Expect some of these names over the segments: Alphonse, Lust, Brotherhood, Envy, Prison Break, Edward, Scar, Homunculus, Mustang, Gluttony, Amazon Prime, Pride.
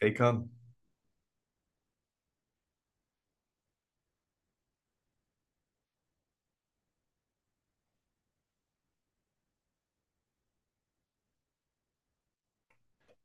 Ey, Kahn.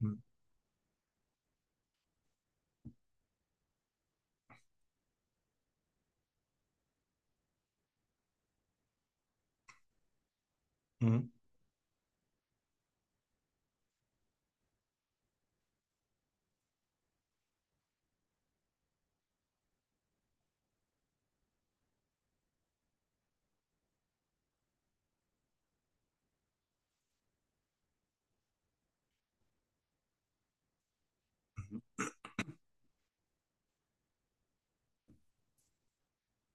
Mhm. Mhm.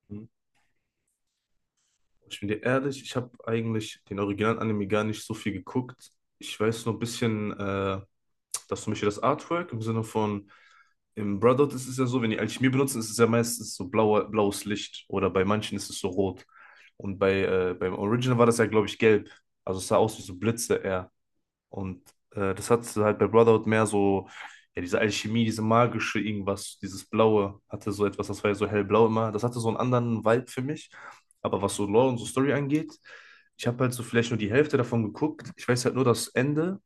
Mhm. Ich bin dir ehrlich, ich habe eigentlich den Original Anime gar nicht so viel geguckt. Ich weiß nur ein bisschen, dass zum Beispiel das Artwork im Sinne von im Brotherhood ist es ja so, wenn die Alchemie benutzen, ist es ja meistens so blauer, blaues Licht oder bei manchen ist es so rot. Und bei, beim Original war das ja, glaube ich, gelb. Also es sah aus wie so Blitze eher. Und das hat halt bei Brotherhood mehr so, ja, diese Alchemie, diese magische irgendwas, dieses Blaue hatte so etwas, das war ja so hellblau immer. Das hatte so einen anderen Vibe für mich. Aber was so Lore und so Story angeht, ich habe halt so vielleicht nur die Hälfte davon geguckt. Ich weiß halt nur, das Ende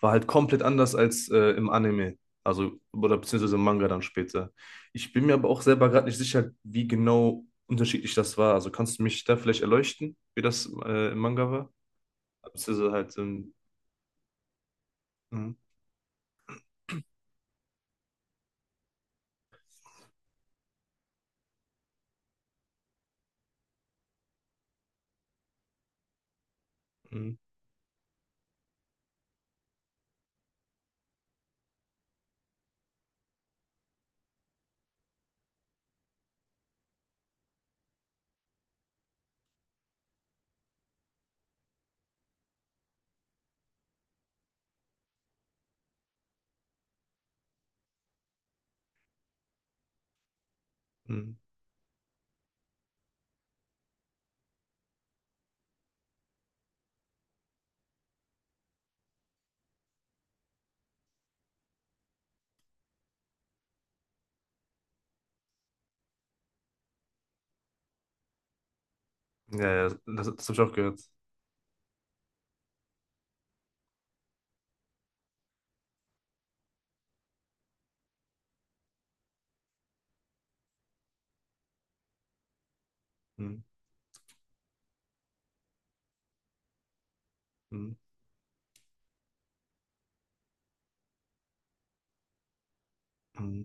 war halt komplett anders als im Anime. Also, oder beziehungsweise im Manga dann später. Ich bin mir aber auch selber gerade nicht sicher, wie genau unterschiedlich das war. Also kannst du mich da vielleicht erleuchten, wie das im Manga war? Beziehungsweise halt im. Mhm. Mhm. Mhm. Ja, ja, das habe ich auch gehört. Hm, hm, hm.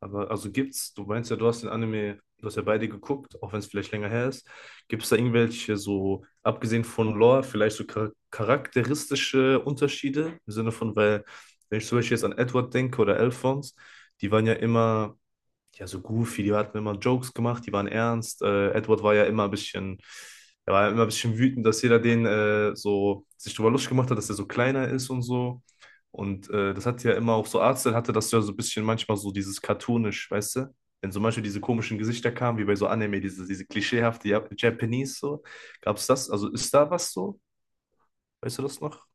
Aber also gibt's, du meinst ja, du hast den Anime, du hast ja beide geguckt, auch wenn es vielleicht länger her ist. Gibt es da irgendwelche so, abgesehen von Lore, vielleicht so charakteristische Unterschiede? Im Sinne von, weil, wenn ich zum Beispiel jetzt an Edward denke oder Alphonse, die waren ja immer ja, so goofy, die hatten immer Jokes gemacht, die waren ernst. Edward war ja immer ein bisschen, er war ja immer ein bisschen wütend, dass jeder den so sich drüber lustig gemacht hat, dass er so kleiner ist und so. Und das hat ja immer auch so Arzel hatte das ja so ein bisschen manchmal so dieses cartoonisch, weißt du? Wenn zum Beispiel diese komischen Gesichter kamen, wie bei so Anime, diese klischeehafte Japanese so. Gab's das? Also ist da was so? Weißt du das noch?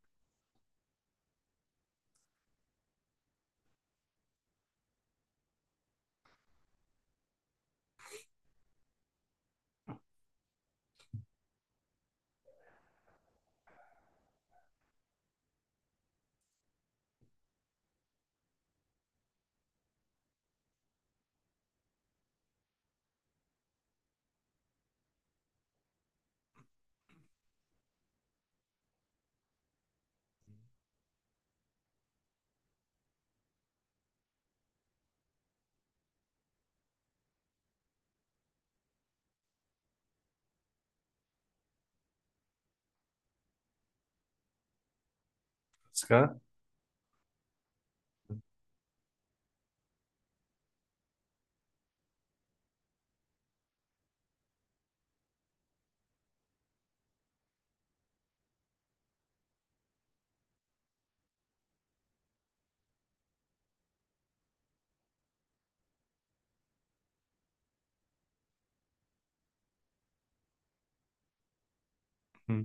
Ska? Hm.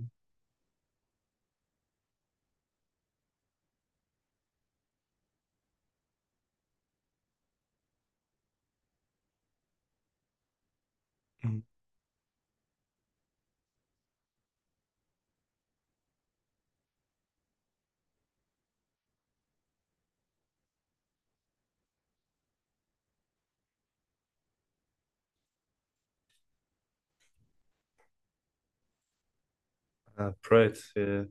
Hm. Ah, Pride. Yeah.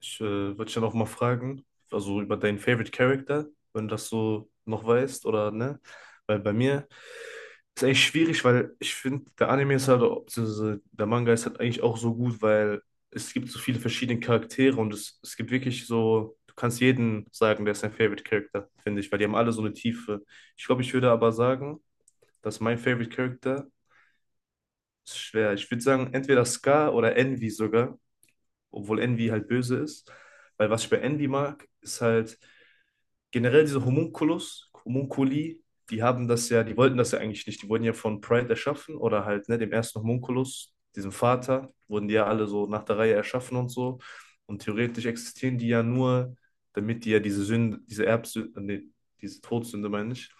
Ich wollte dich dann auch mal fragen, also über deinen Favorite Character, wenn du das so noch weißt oder ne? Weil bei mir ist eigentlich schwierig, weil ich finde, der Anime ist halt, beziehungsweise der Manga ist halt eigentlich auch so gut, weil es gibt so viele verschiedene Charaktere und es gibt wirklich so, du kannst jeden sagen, der ist dein Favorite Character, finde ich, weil die haben alle so eine Tiefe. Ich glaube, ich würde aber sagen, dass mein Favorite Character ist schwer. Ich würde sagen, entweder Scar oder Envy sogar, obwohl Envy halt böse ist. Weil was ich bei Envy mag, ist halt generell diese Homunculus, Homunculi, die haben das ja, die wollten das ja eigentlich nicht. Die wurden ja von Pride erschaffen oder halt, ne, dem ersten Homunculus, diesem Vater, wurden die ja alle so nach der Reihe erschaffen und so. Und theoretisch existieren die ja nur, damit die ja diese Sünde, diese Erbsünde, nee, diese Todsünde meine ich,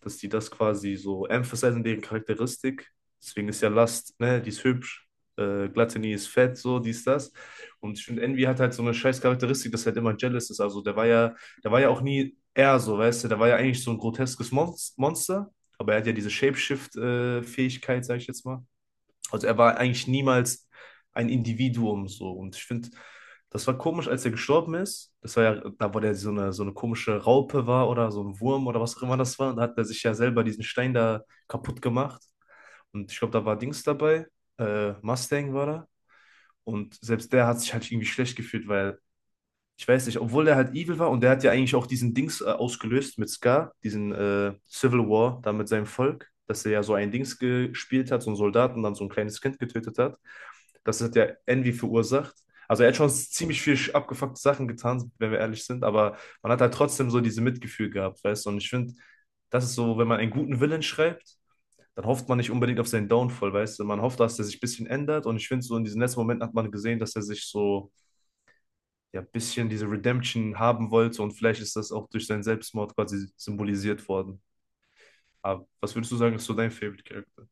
dass die das quasi so emphasisieren, deren Charakteristik. Deswegen ist ja Lust, ne, die ist hübsch, Gluttony ist fett, so, dies, das. Und ich finde, Envy hat halt so eine scheiß Charakteristik, dass er halt immer jealous ist. Also der war ja auch nie er so, weißt du, der war ja eigentlich so ein groteskes Monster, aber er hat ja diese Shapeshift-Fähigkeit, sag ich jetzt mal. Also er war eigentlich niemals ein Individuum so. Und ich finde, das war komisch, als er gestorben ist. Das war ja, da wo der so eine komische Raupe war oder so ein Wurm oder was auch immer das war. Und da hat er sich ja selber diesen Stein da kaputt gemacht. Und ich glaube, da war Dings dabei. Mustang war da. Und selbst der hat sich halt irgendwie schlecht gefühlt, weil ich weiß nicht, obwohl der halt evil war und der hat ja eigentlich auch diesen Dings ausgelöst mit Scar, diesen Civil War da mit seinem Volk, dass er ja so ein Dings gespielt hat, so einen Soldaten, dann so ein kleines Kind getötet hat. Das hat ja Envy verursacht. Also er hat schon ziemlich viel abgefuckte Sachen getan, wenn wir ehrlich sind, aber man hat halt trotzdem so diese Mitgefühl gehabt, weißt du? Und ich finde, das ist so, wenn man einen guten Willen schreibt, dann hofft man nicht unbedingt auf seinen Downfall, weißt du? Man hofft, dass er sich ein bisschen ändert und ich finde, so in diesen letzten Momenten hat man gesehen, dass er sich so ja, ein bisschen diese Redemption haben wollte und vielleicht ist das auch durch seinen Selbstmord quasi symbolisiert worden. Aber was würdest du sagen, ist so dein Favorite Character?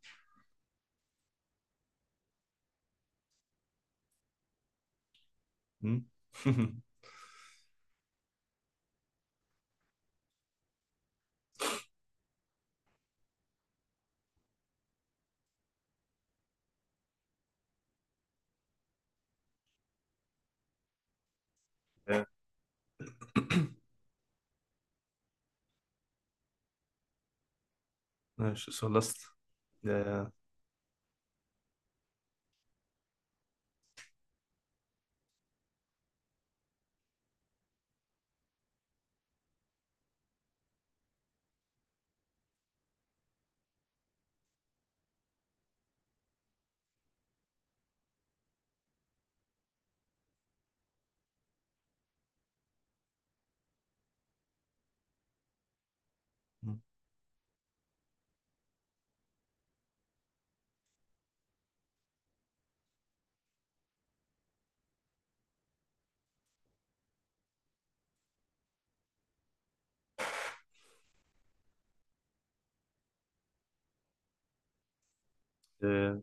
Hm? Ja, na, ich so last. Ja, ja. Hm. Äh,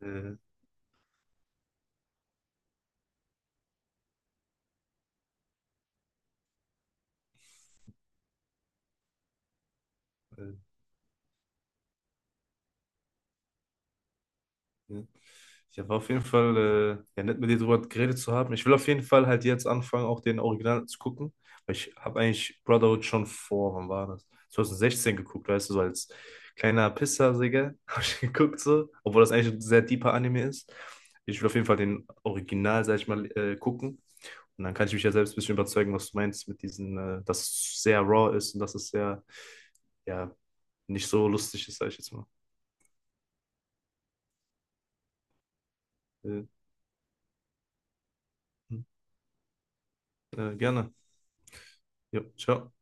äh, äh. Ja, ja, war auf jeden Fall ja, nett, mit dir drüber geredet zu haben. Ich will auf jeden Fall halt jetzt anfangen, auch den Original zu gucken, weil ich habe eigentlich Brotherhood schon vor, wann war das? 2016 geguckt, weißt du, so als kleiner Pisser, Digga, habe ich geguckt so, obwohl das eigentlich ein sehr deeper Anime ist. Ich will auf jeden Fall den Original, sag ich mal, gucken. Und dann kann ich mich ja selbst ein bisschen überzeugen, was du meinst mit dass es sehr raw ist und dass es sehr, ja, nicht so lustig ist, sag ich jetzt mal. Äh, hm. Äh, gerne. Jo, ciao.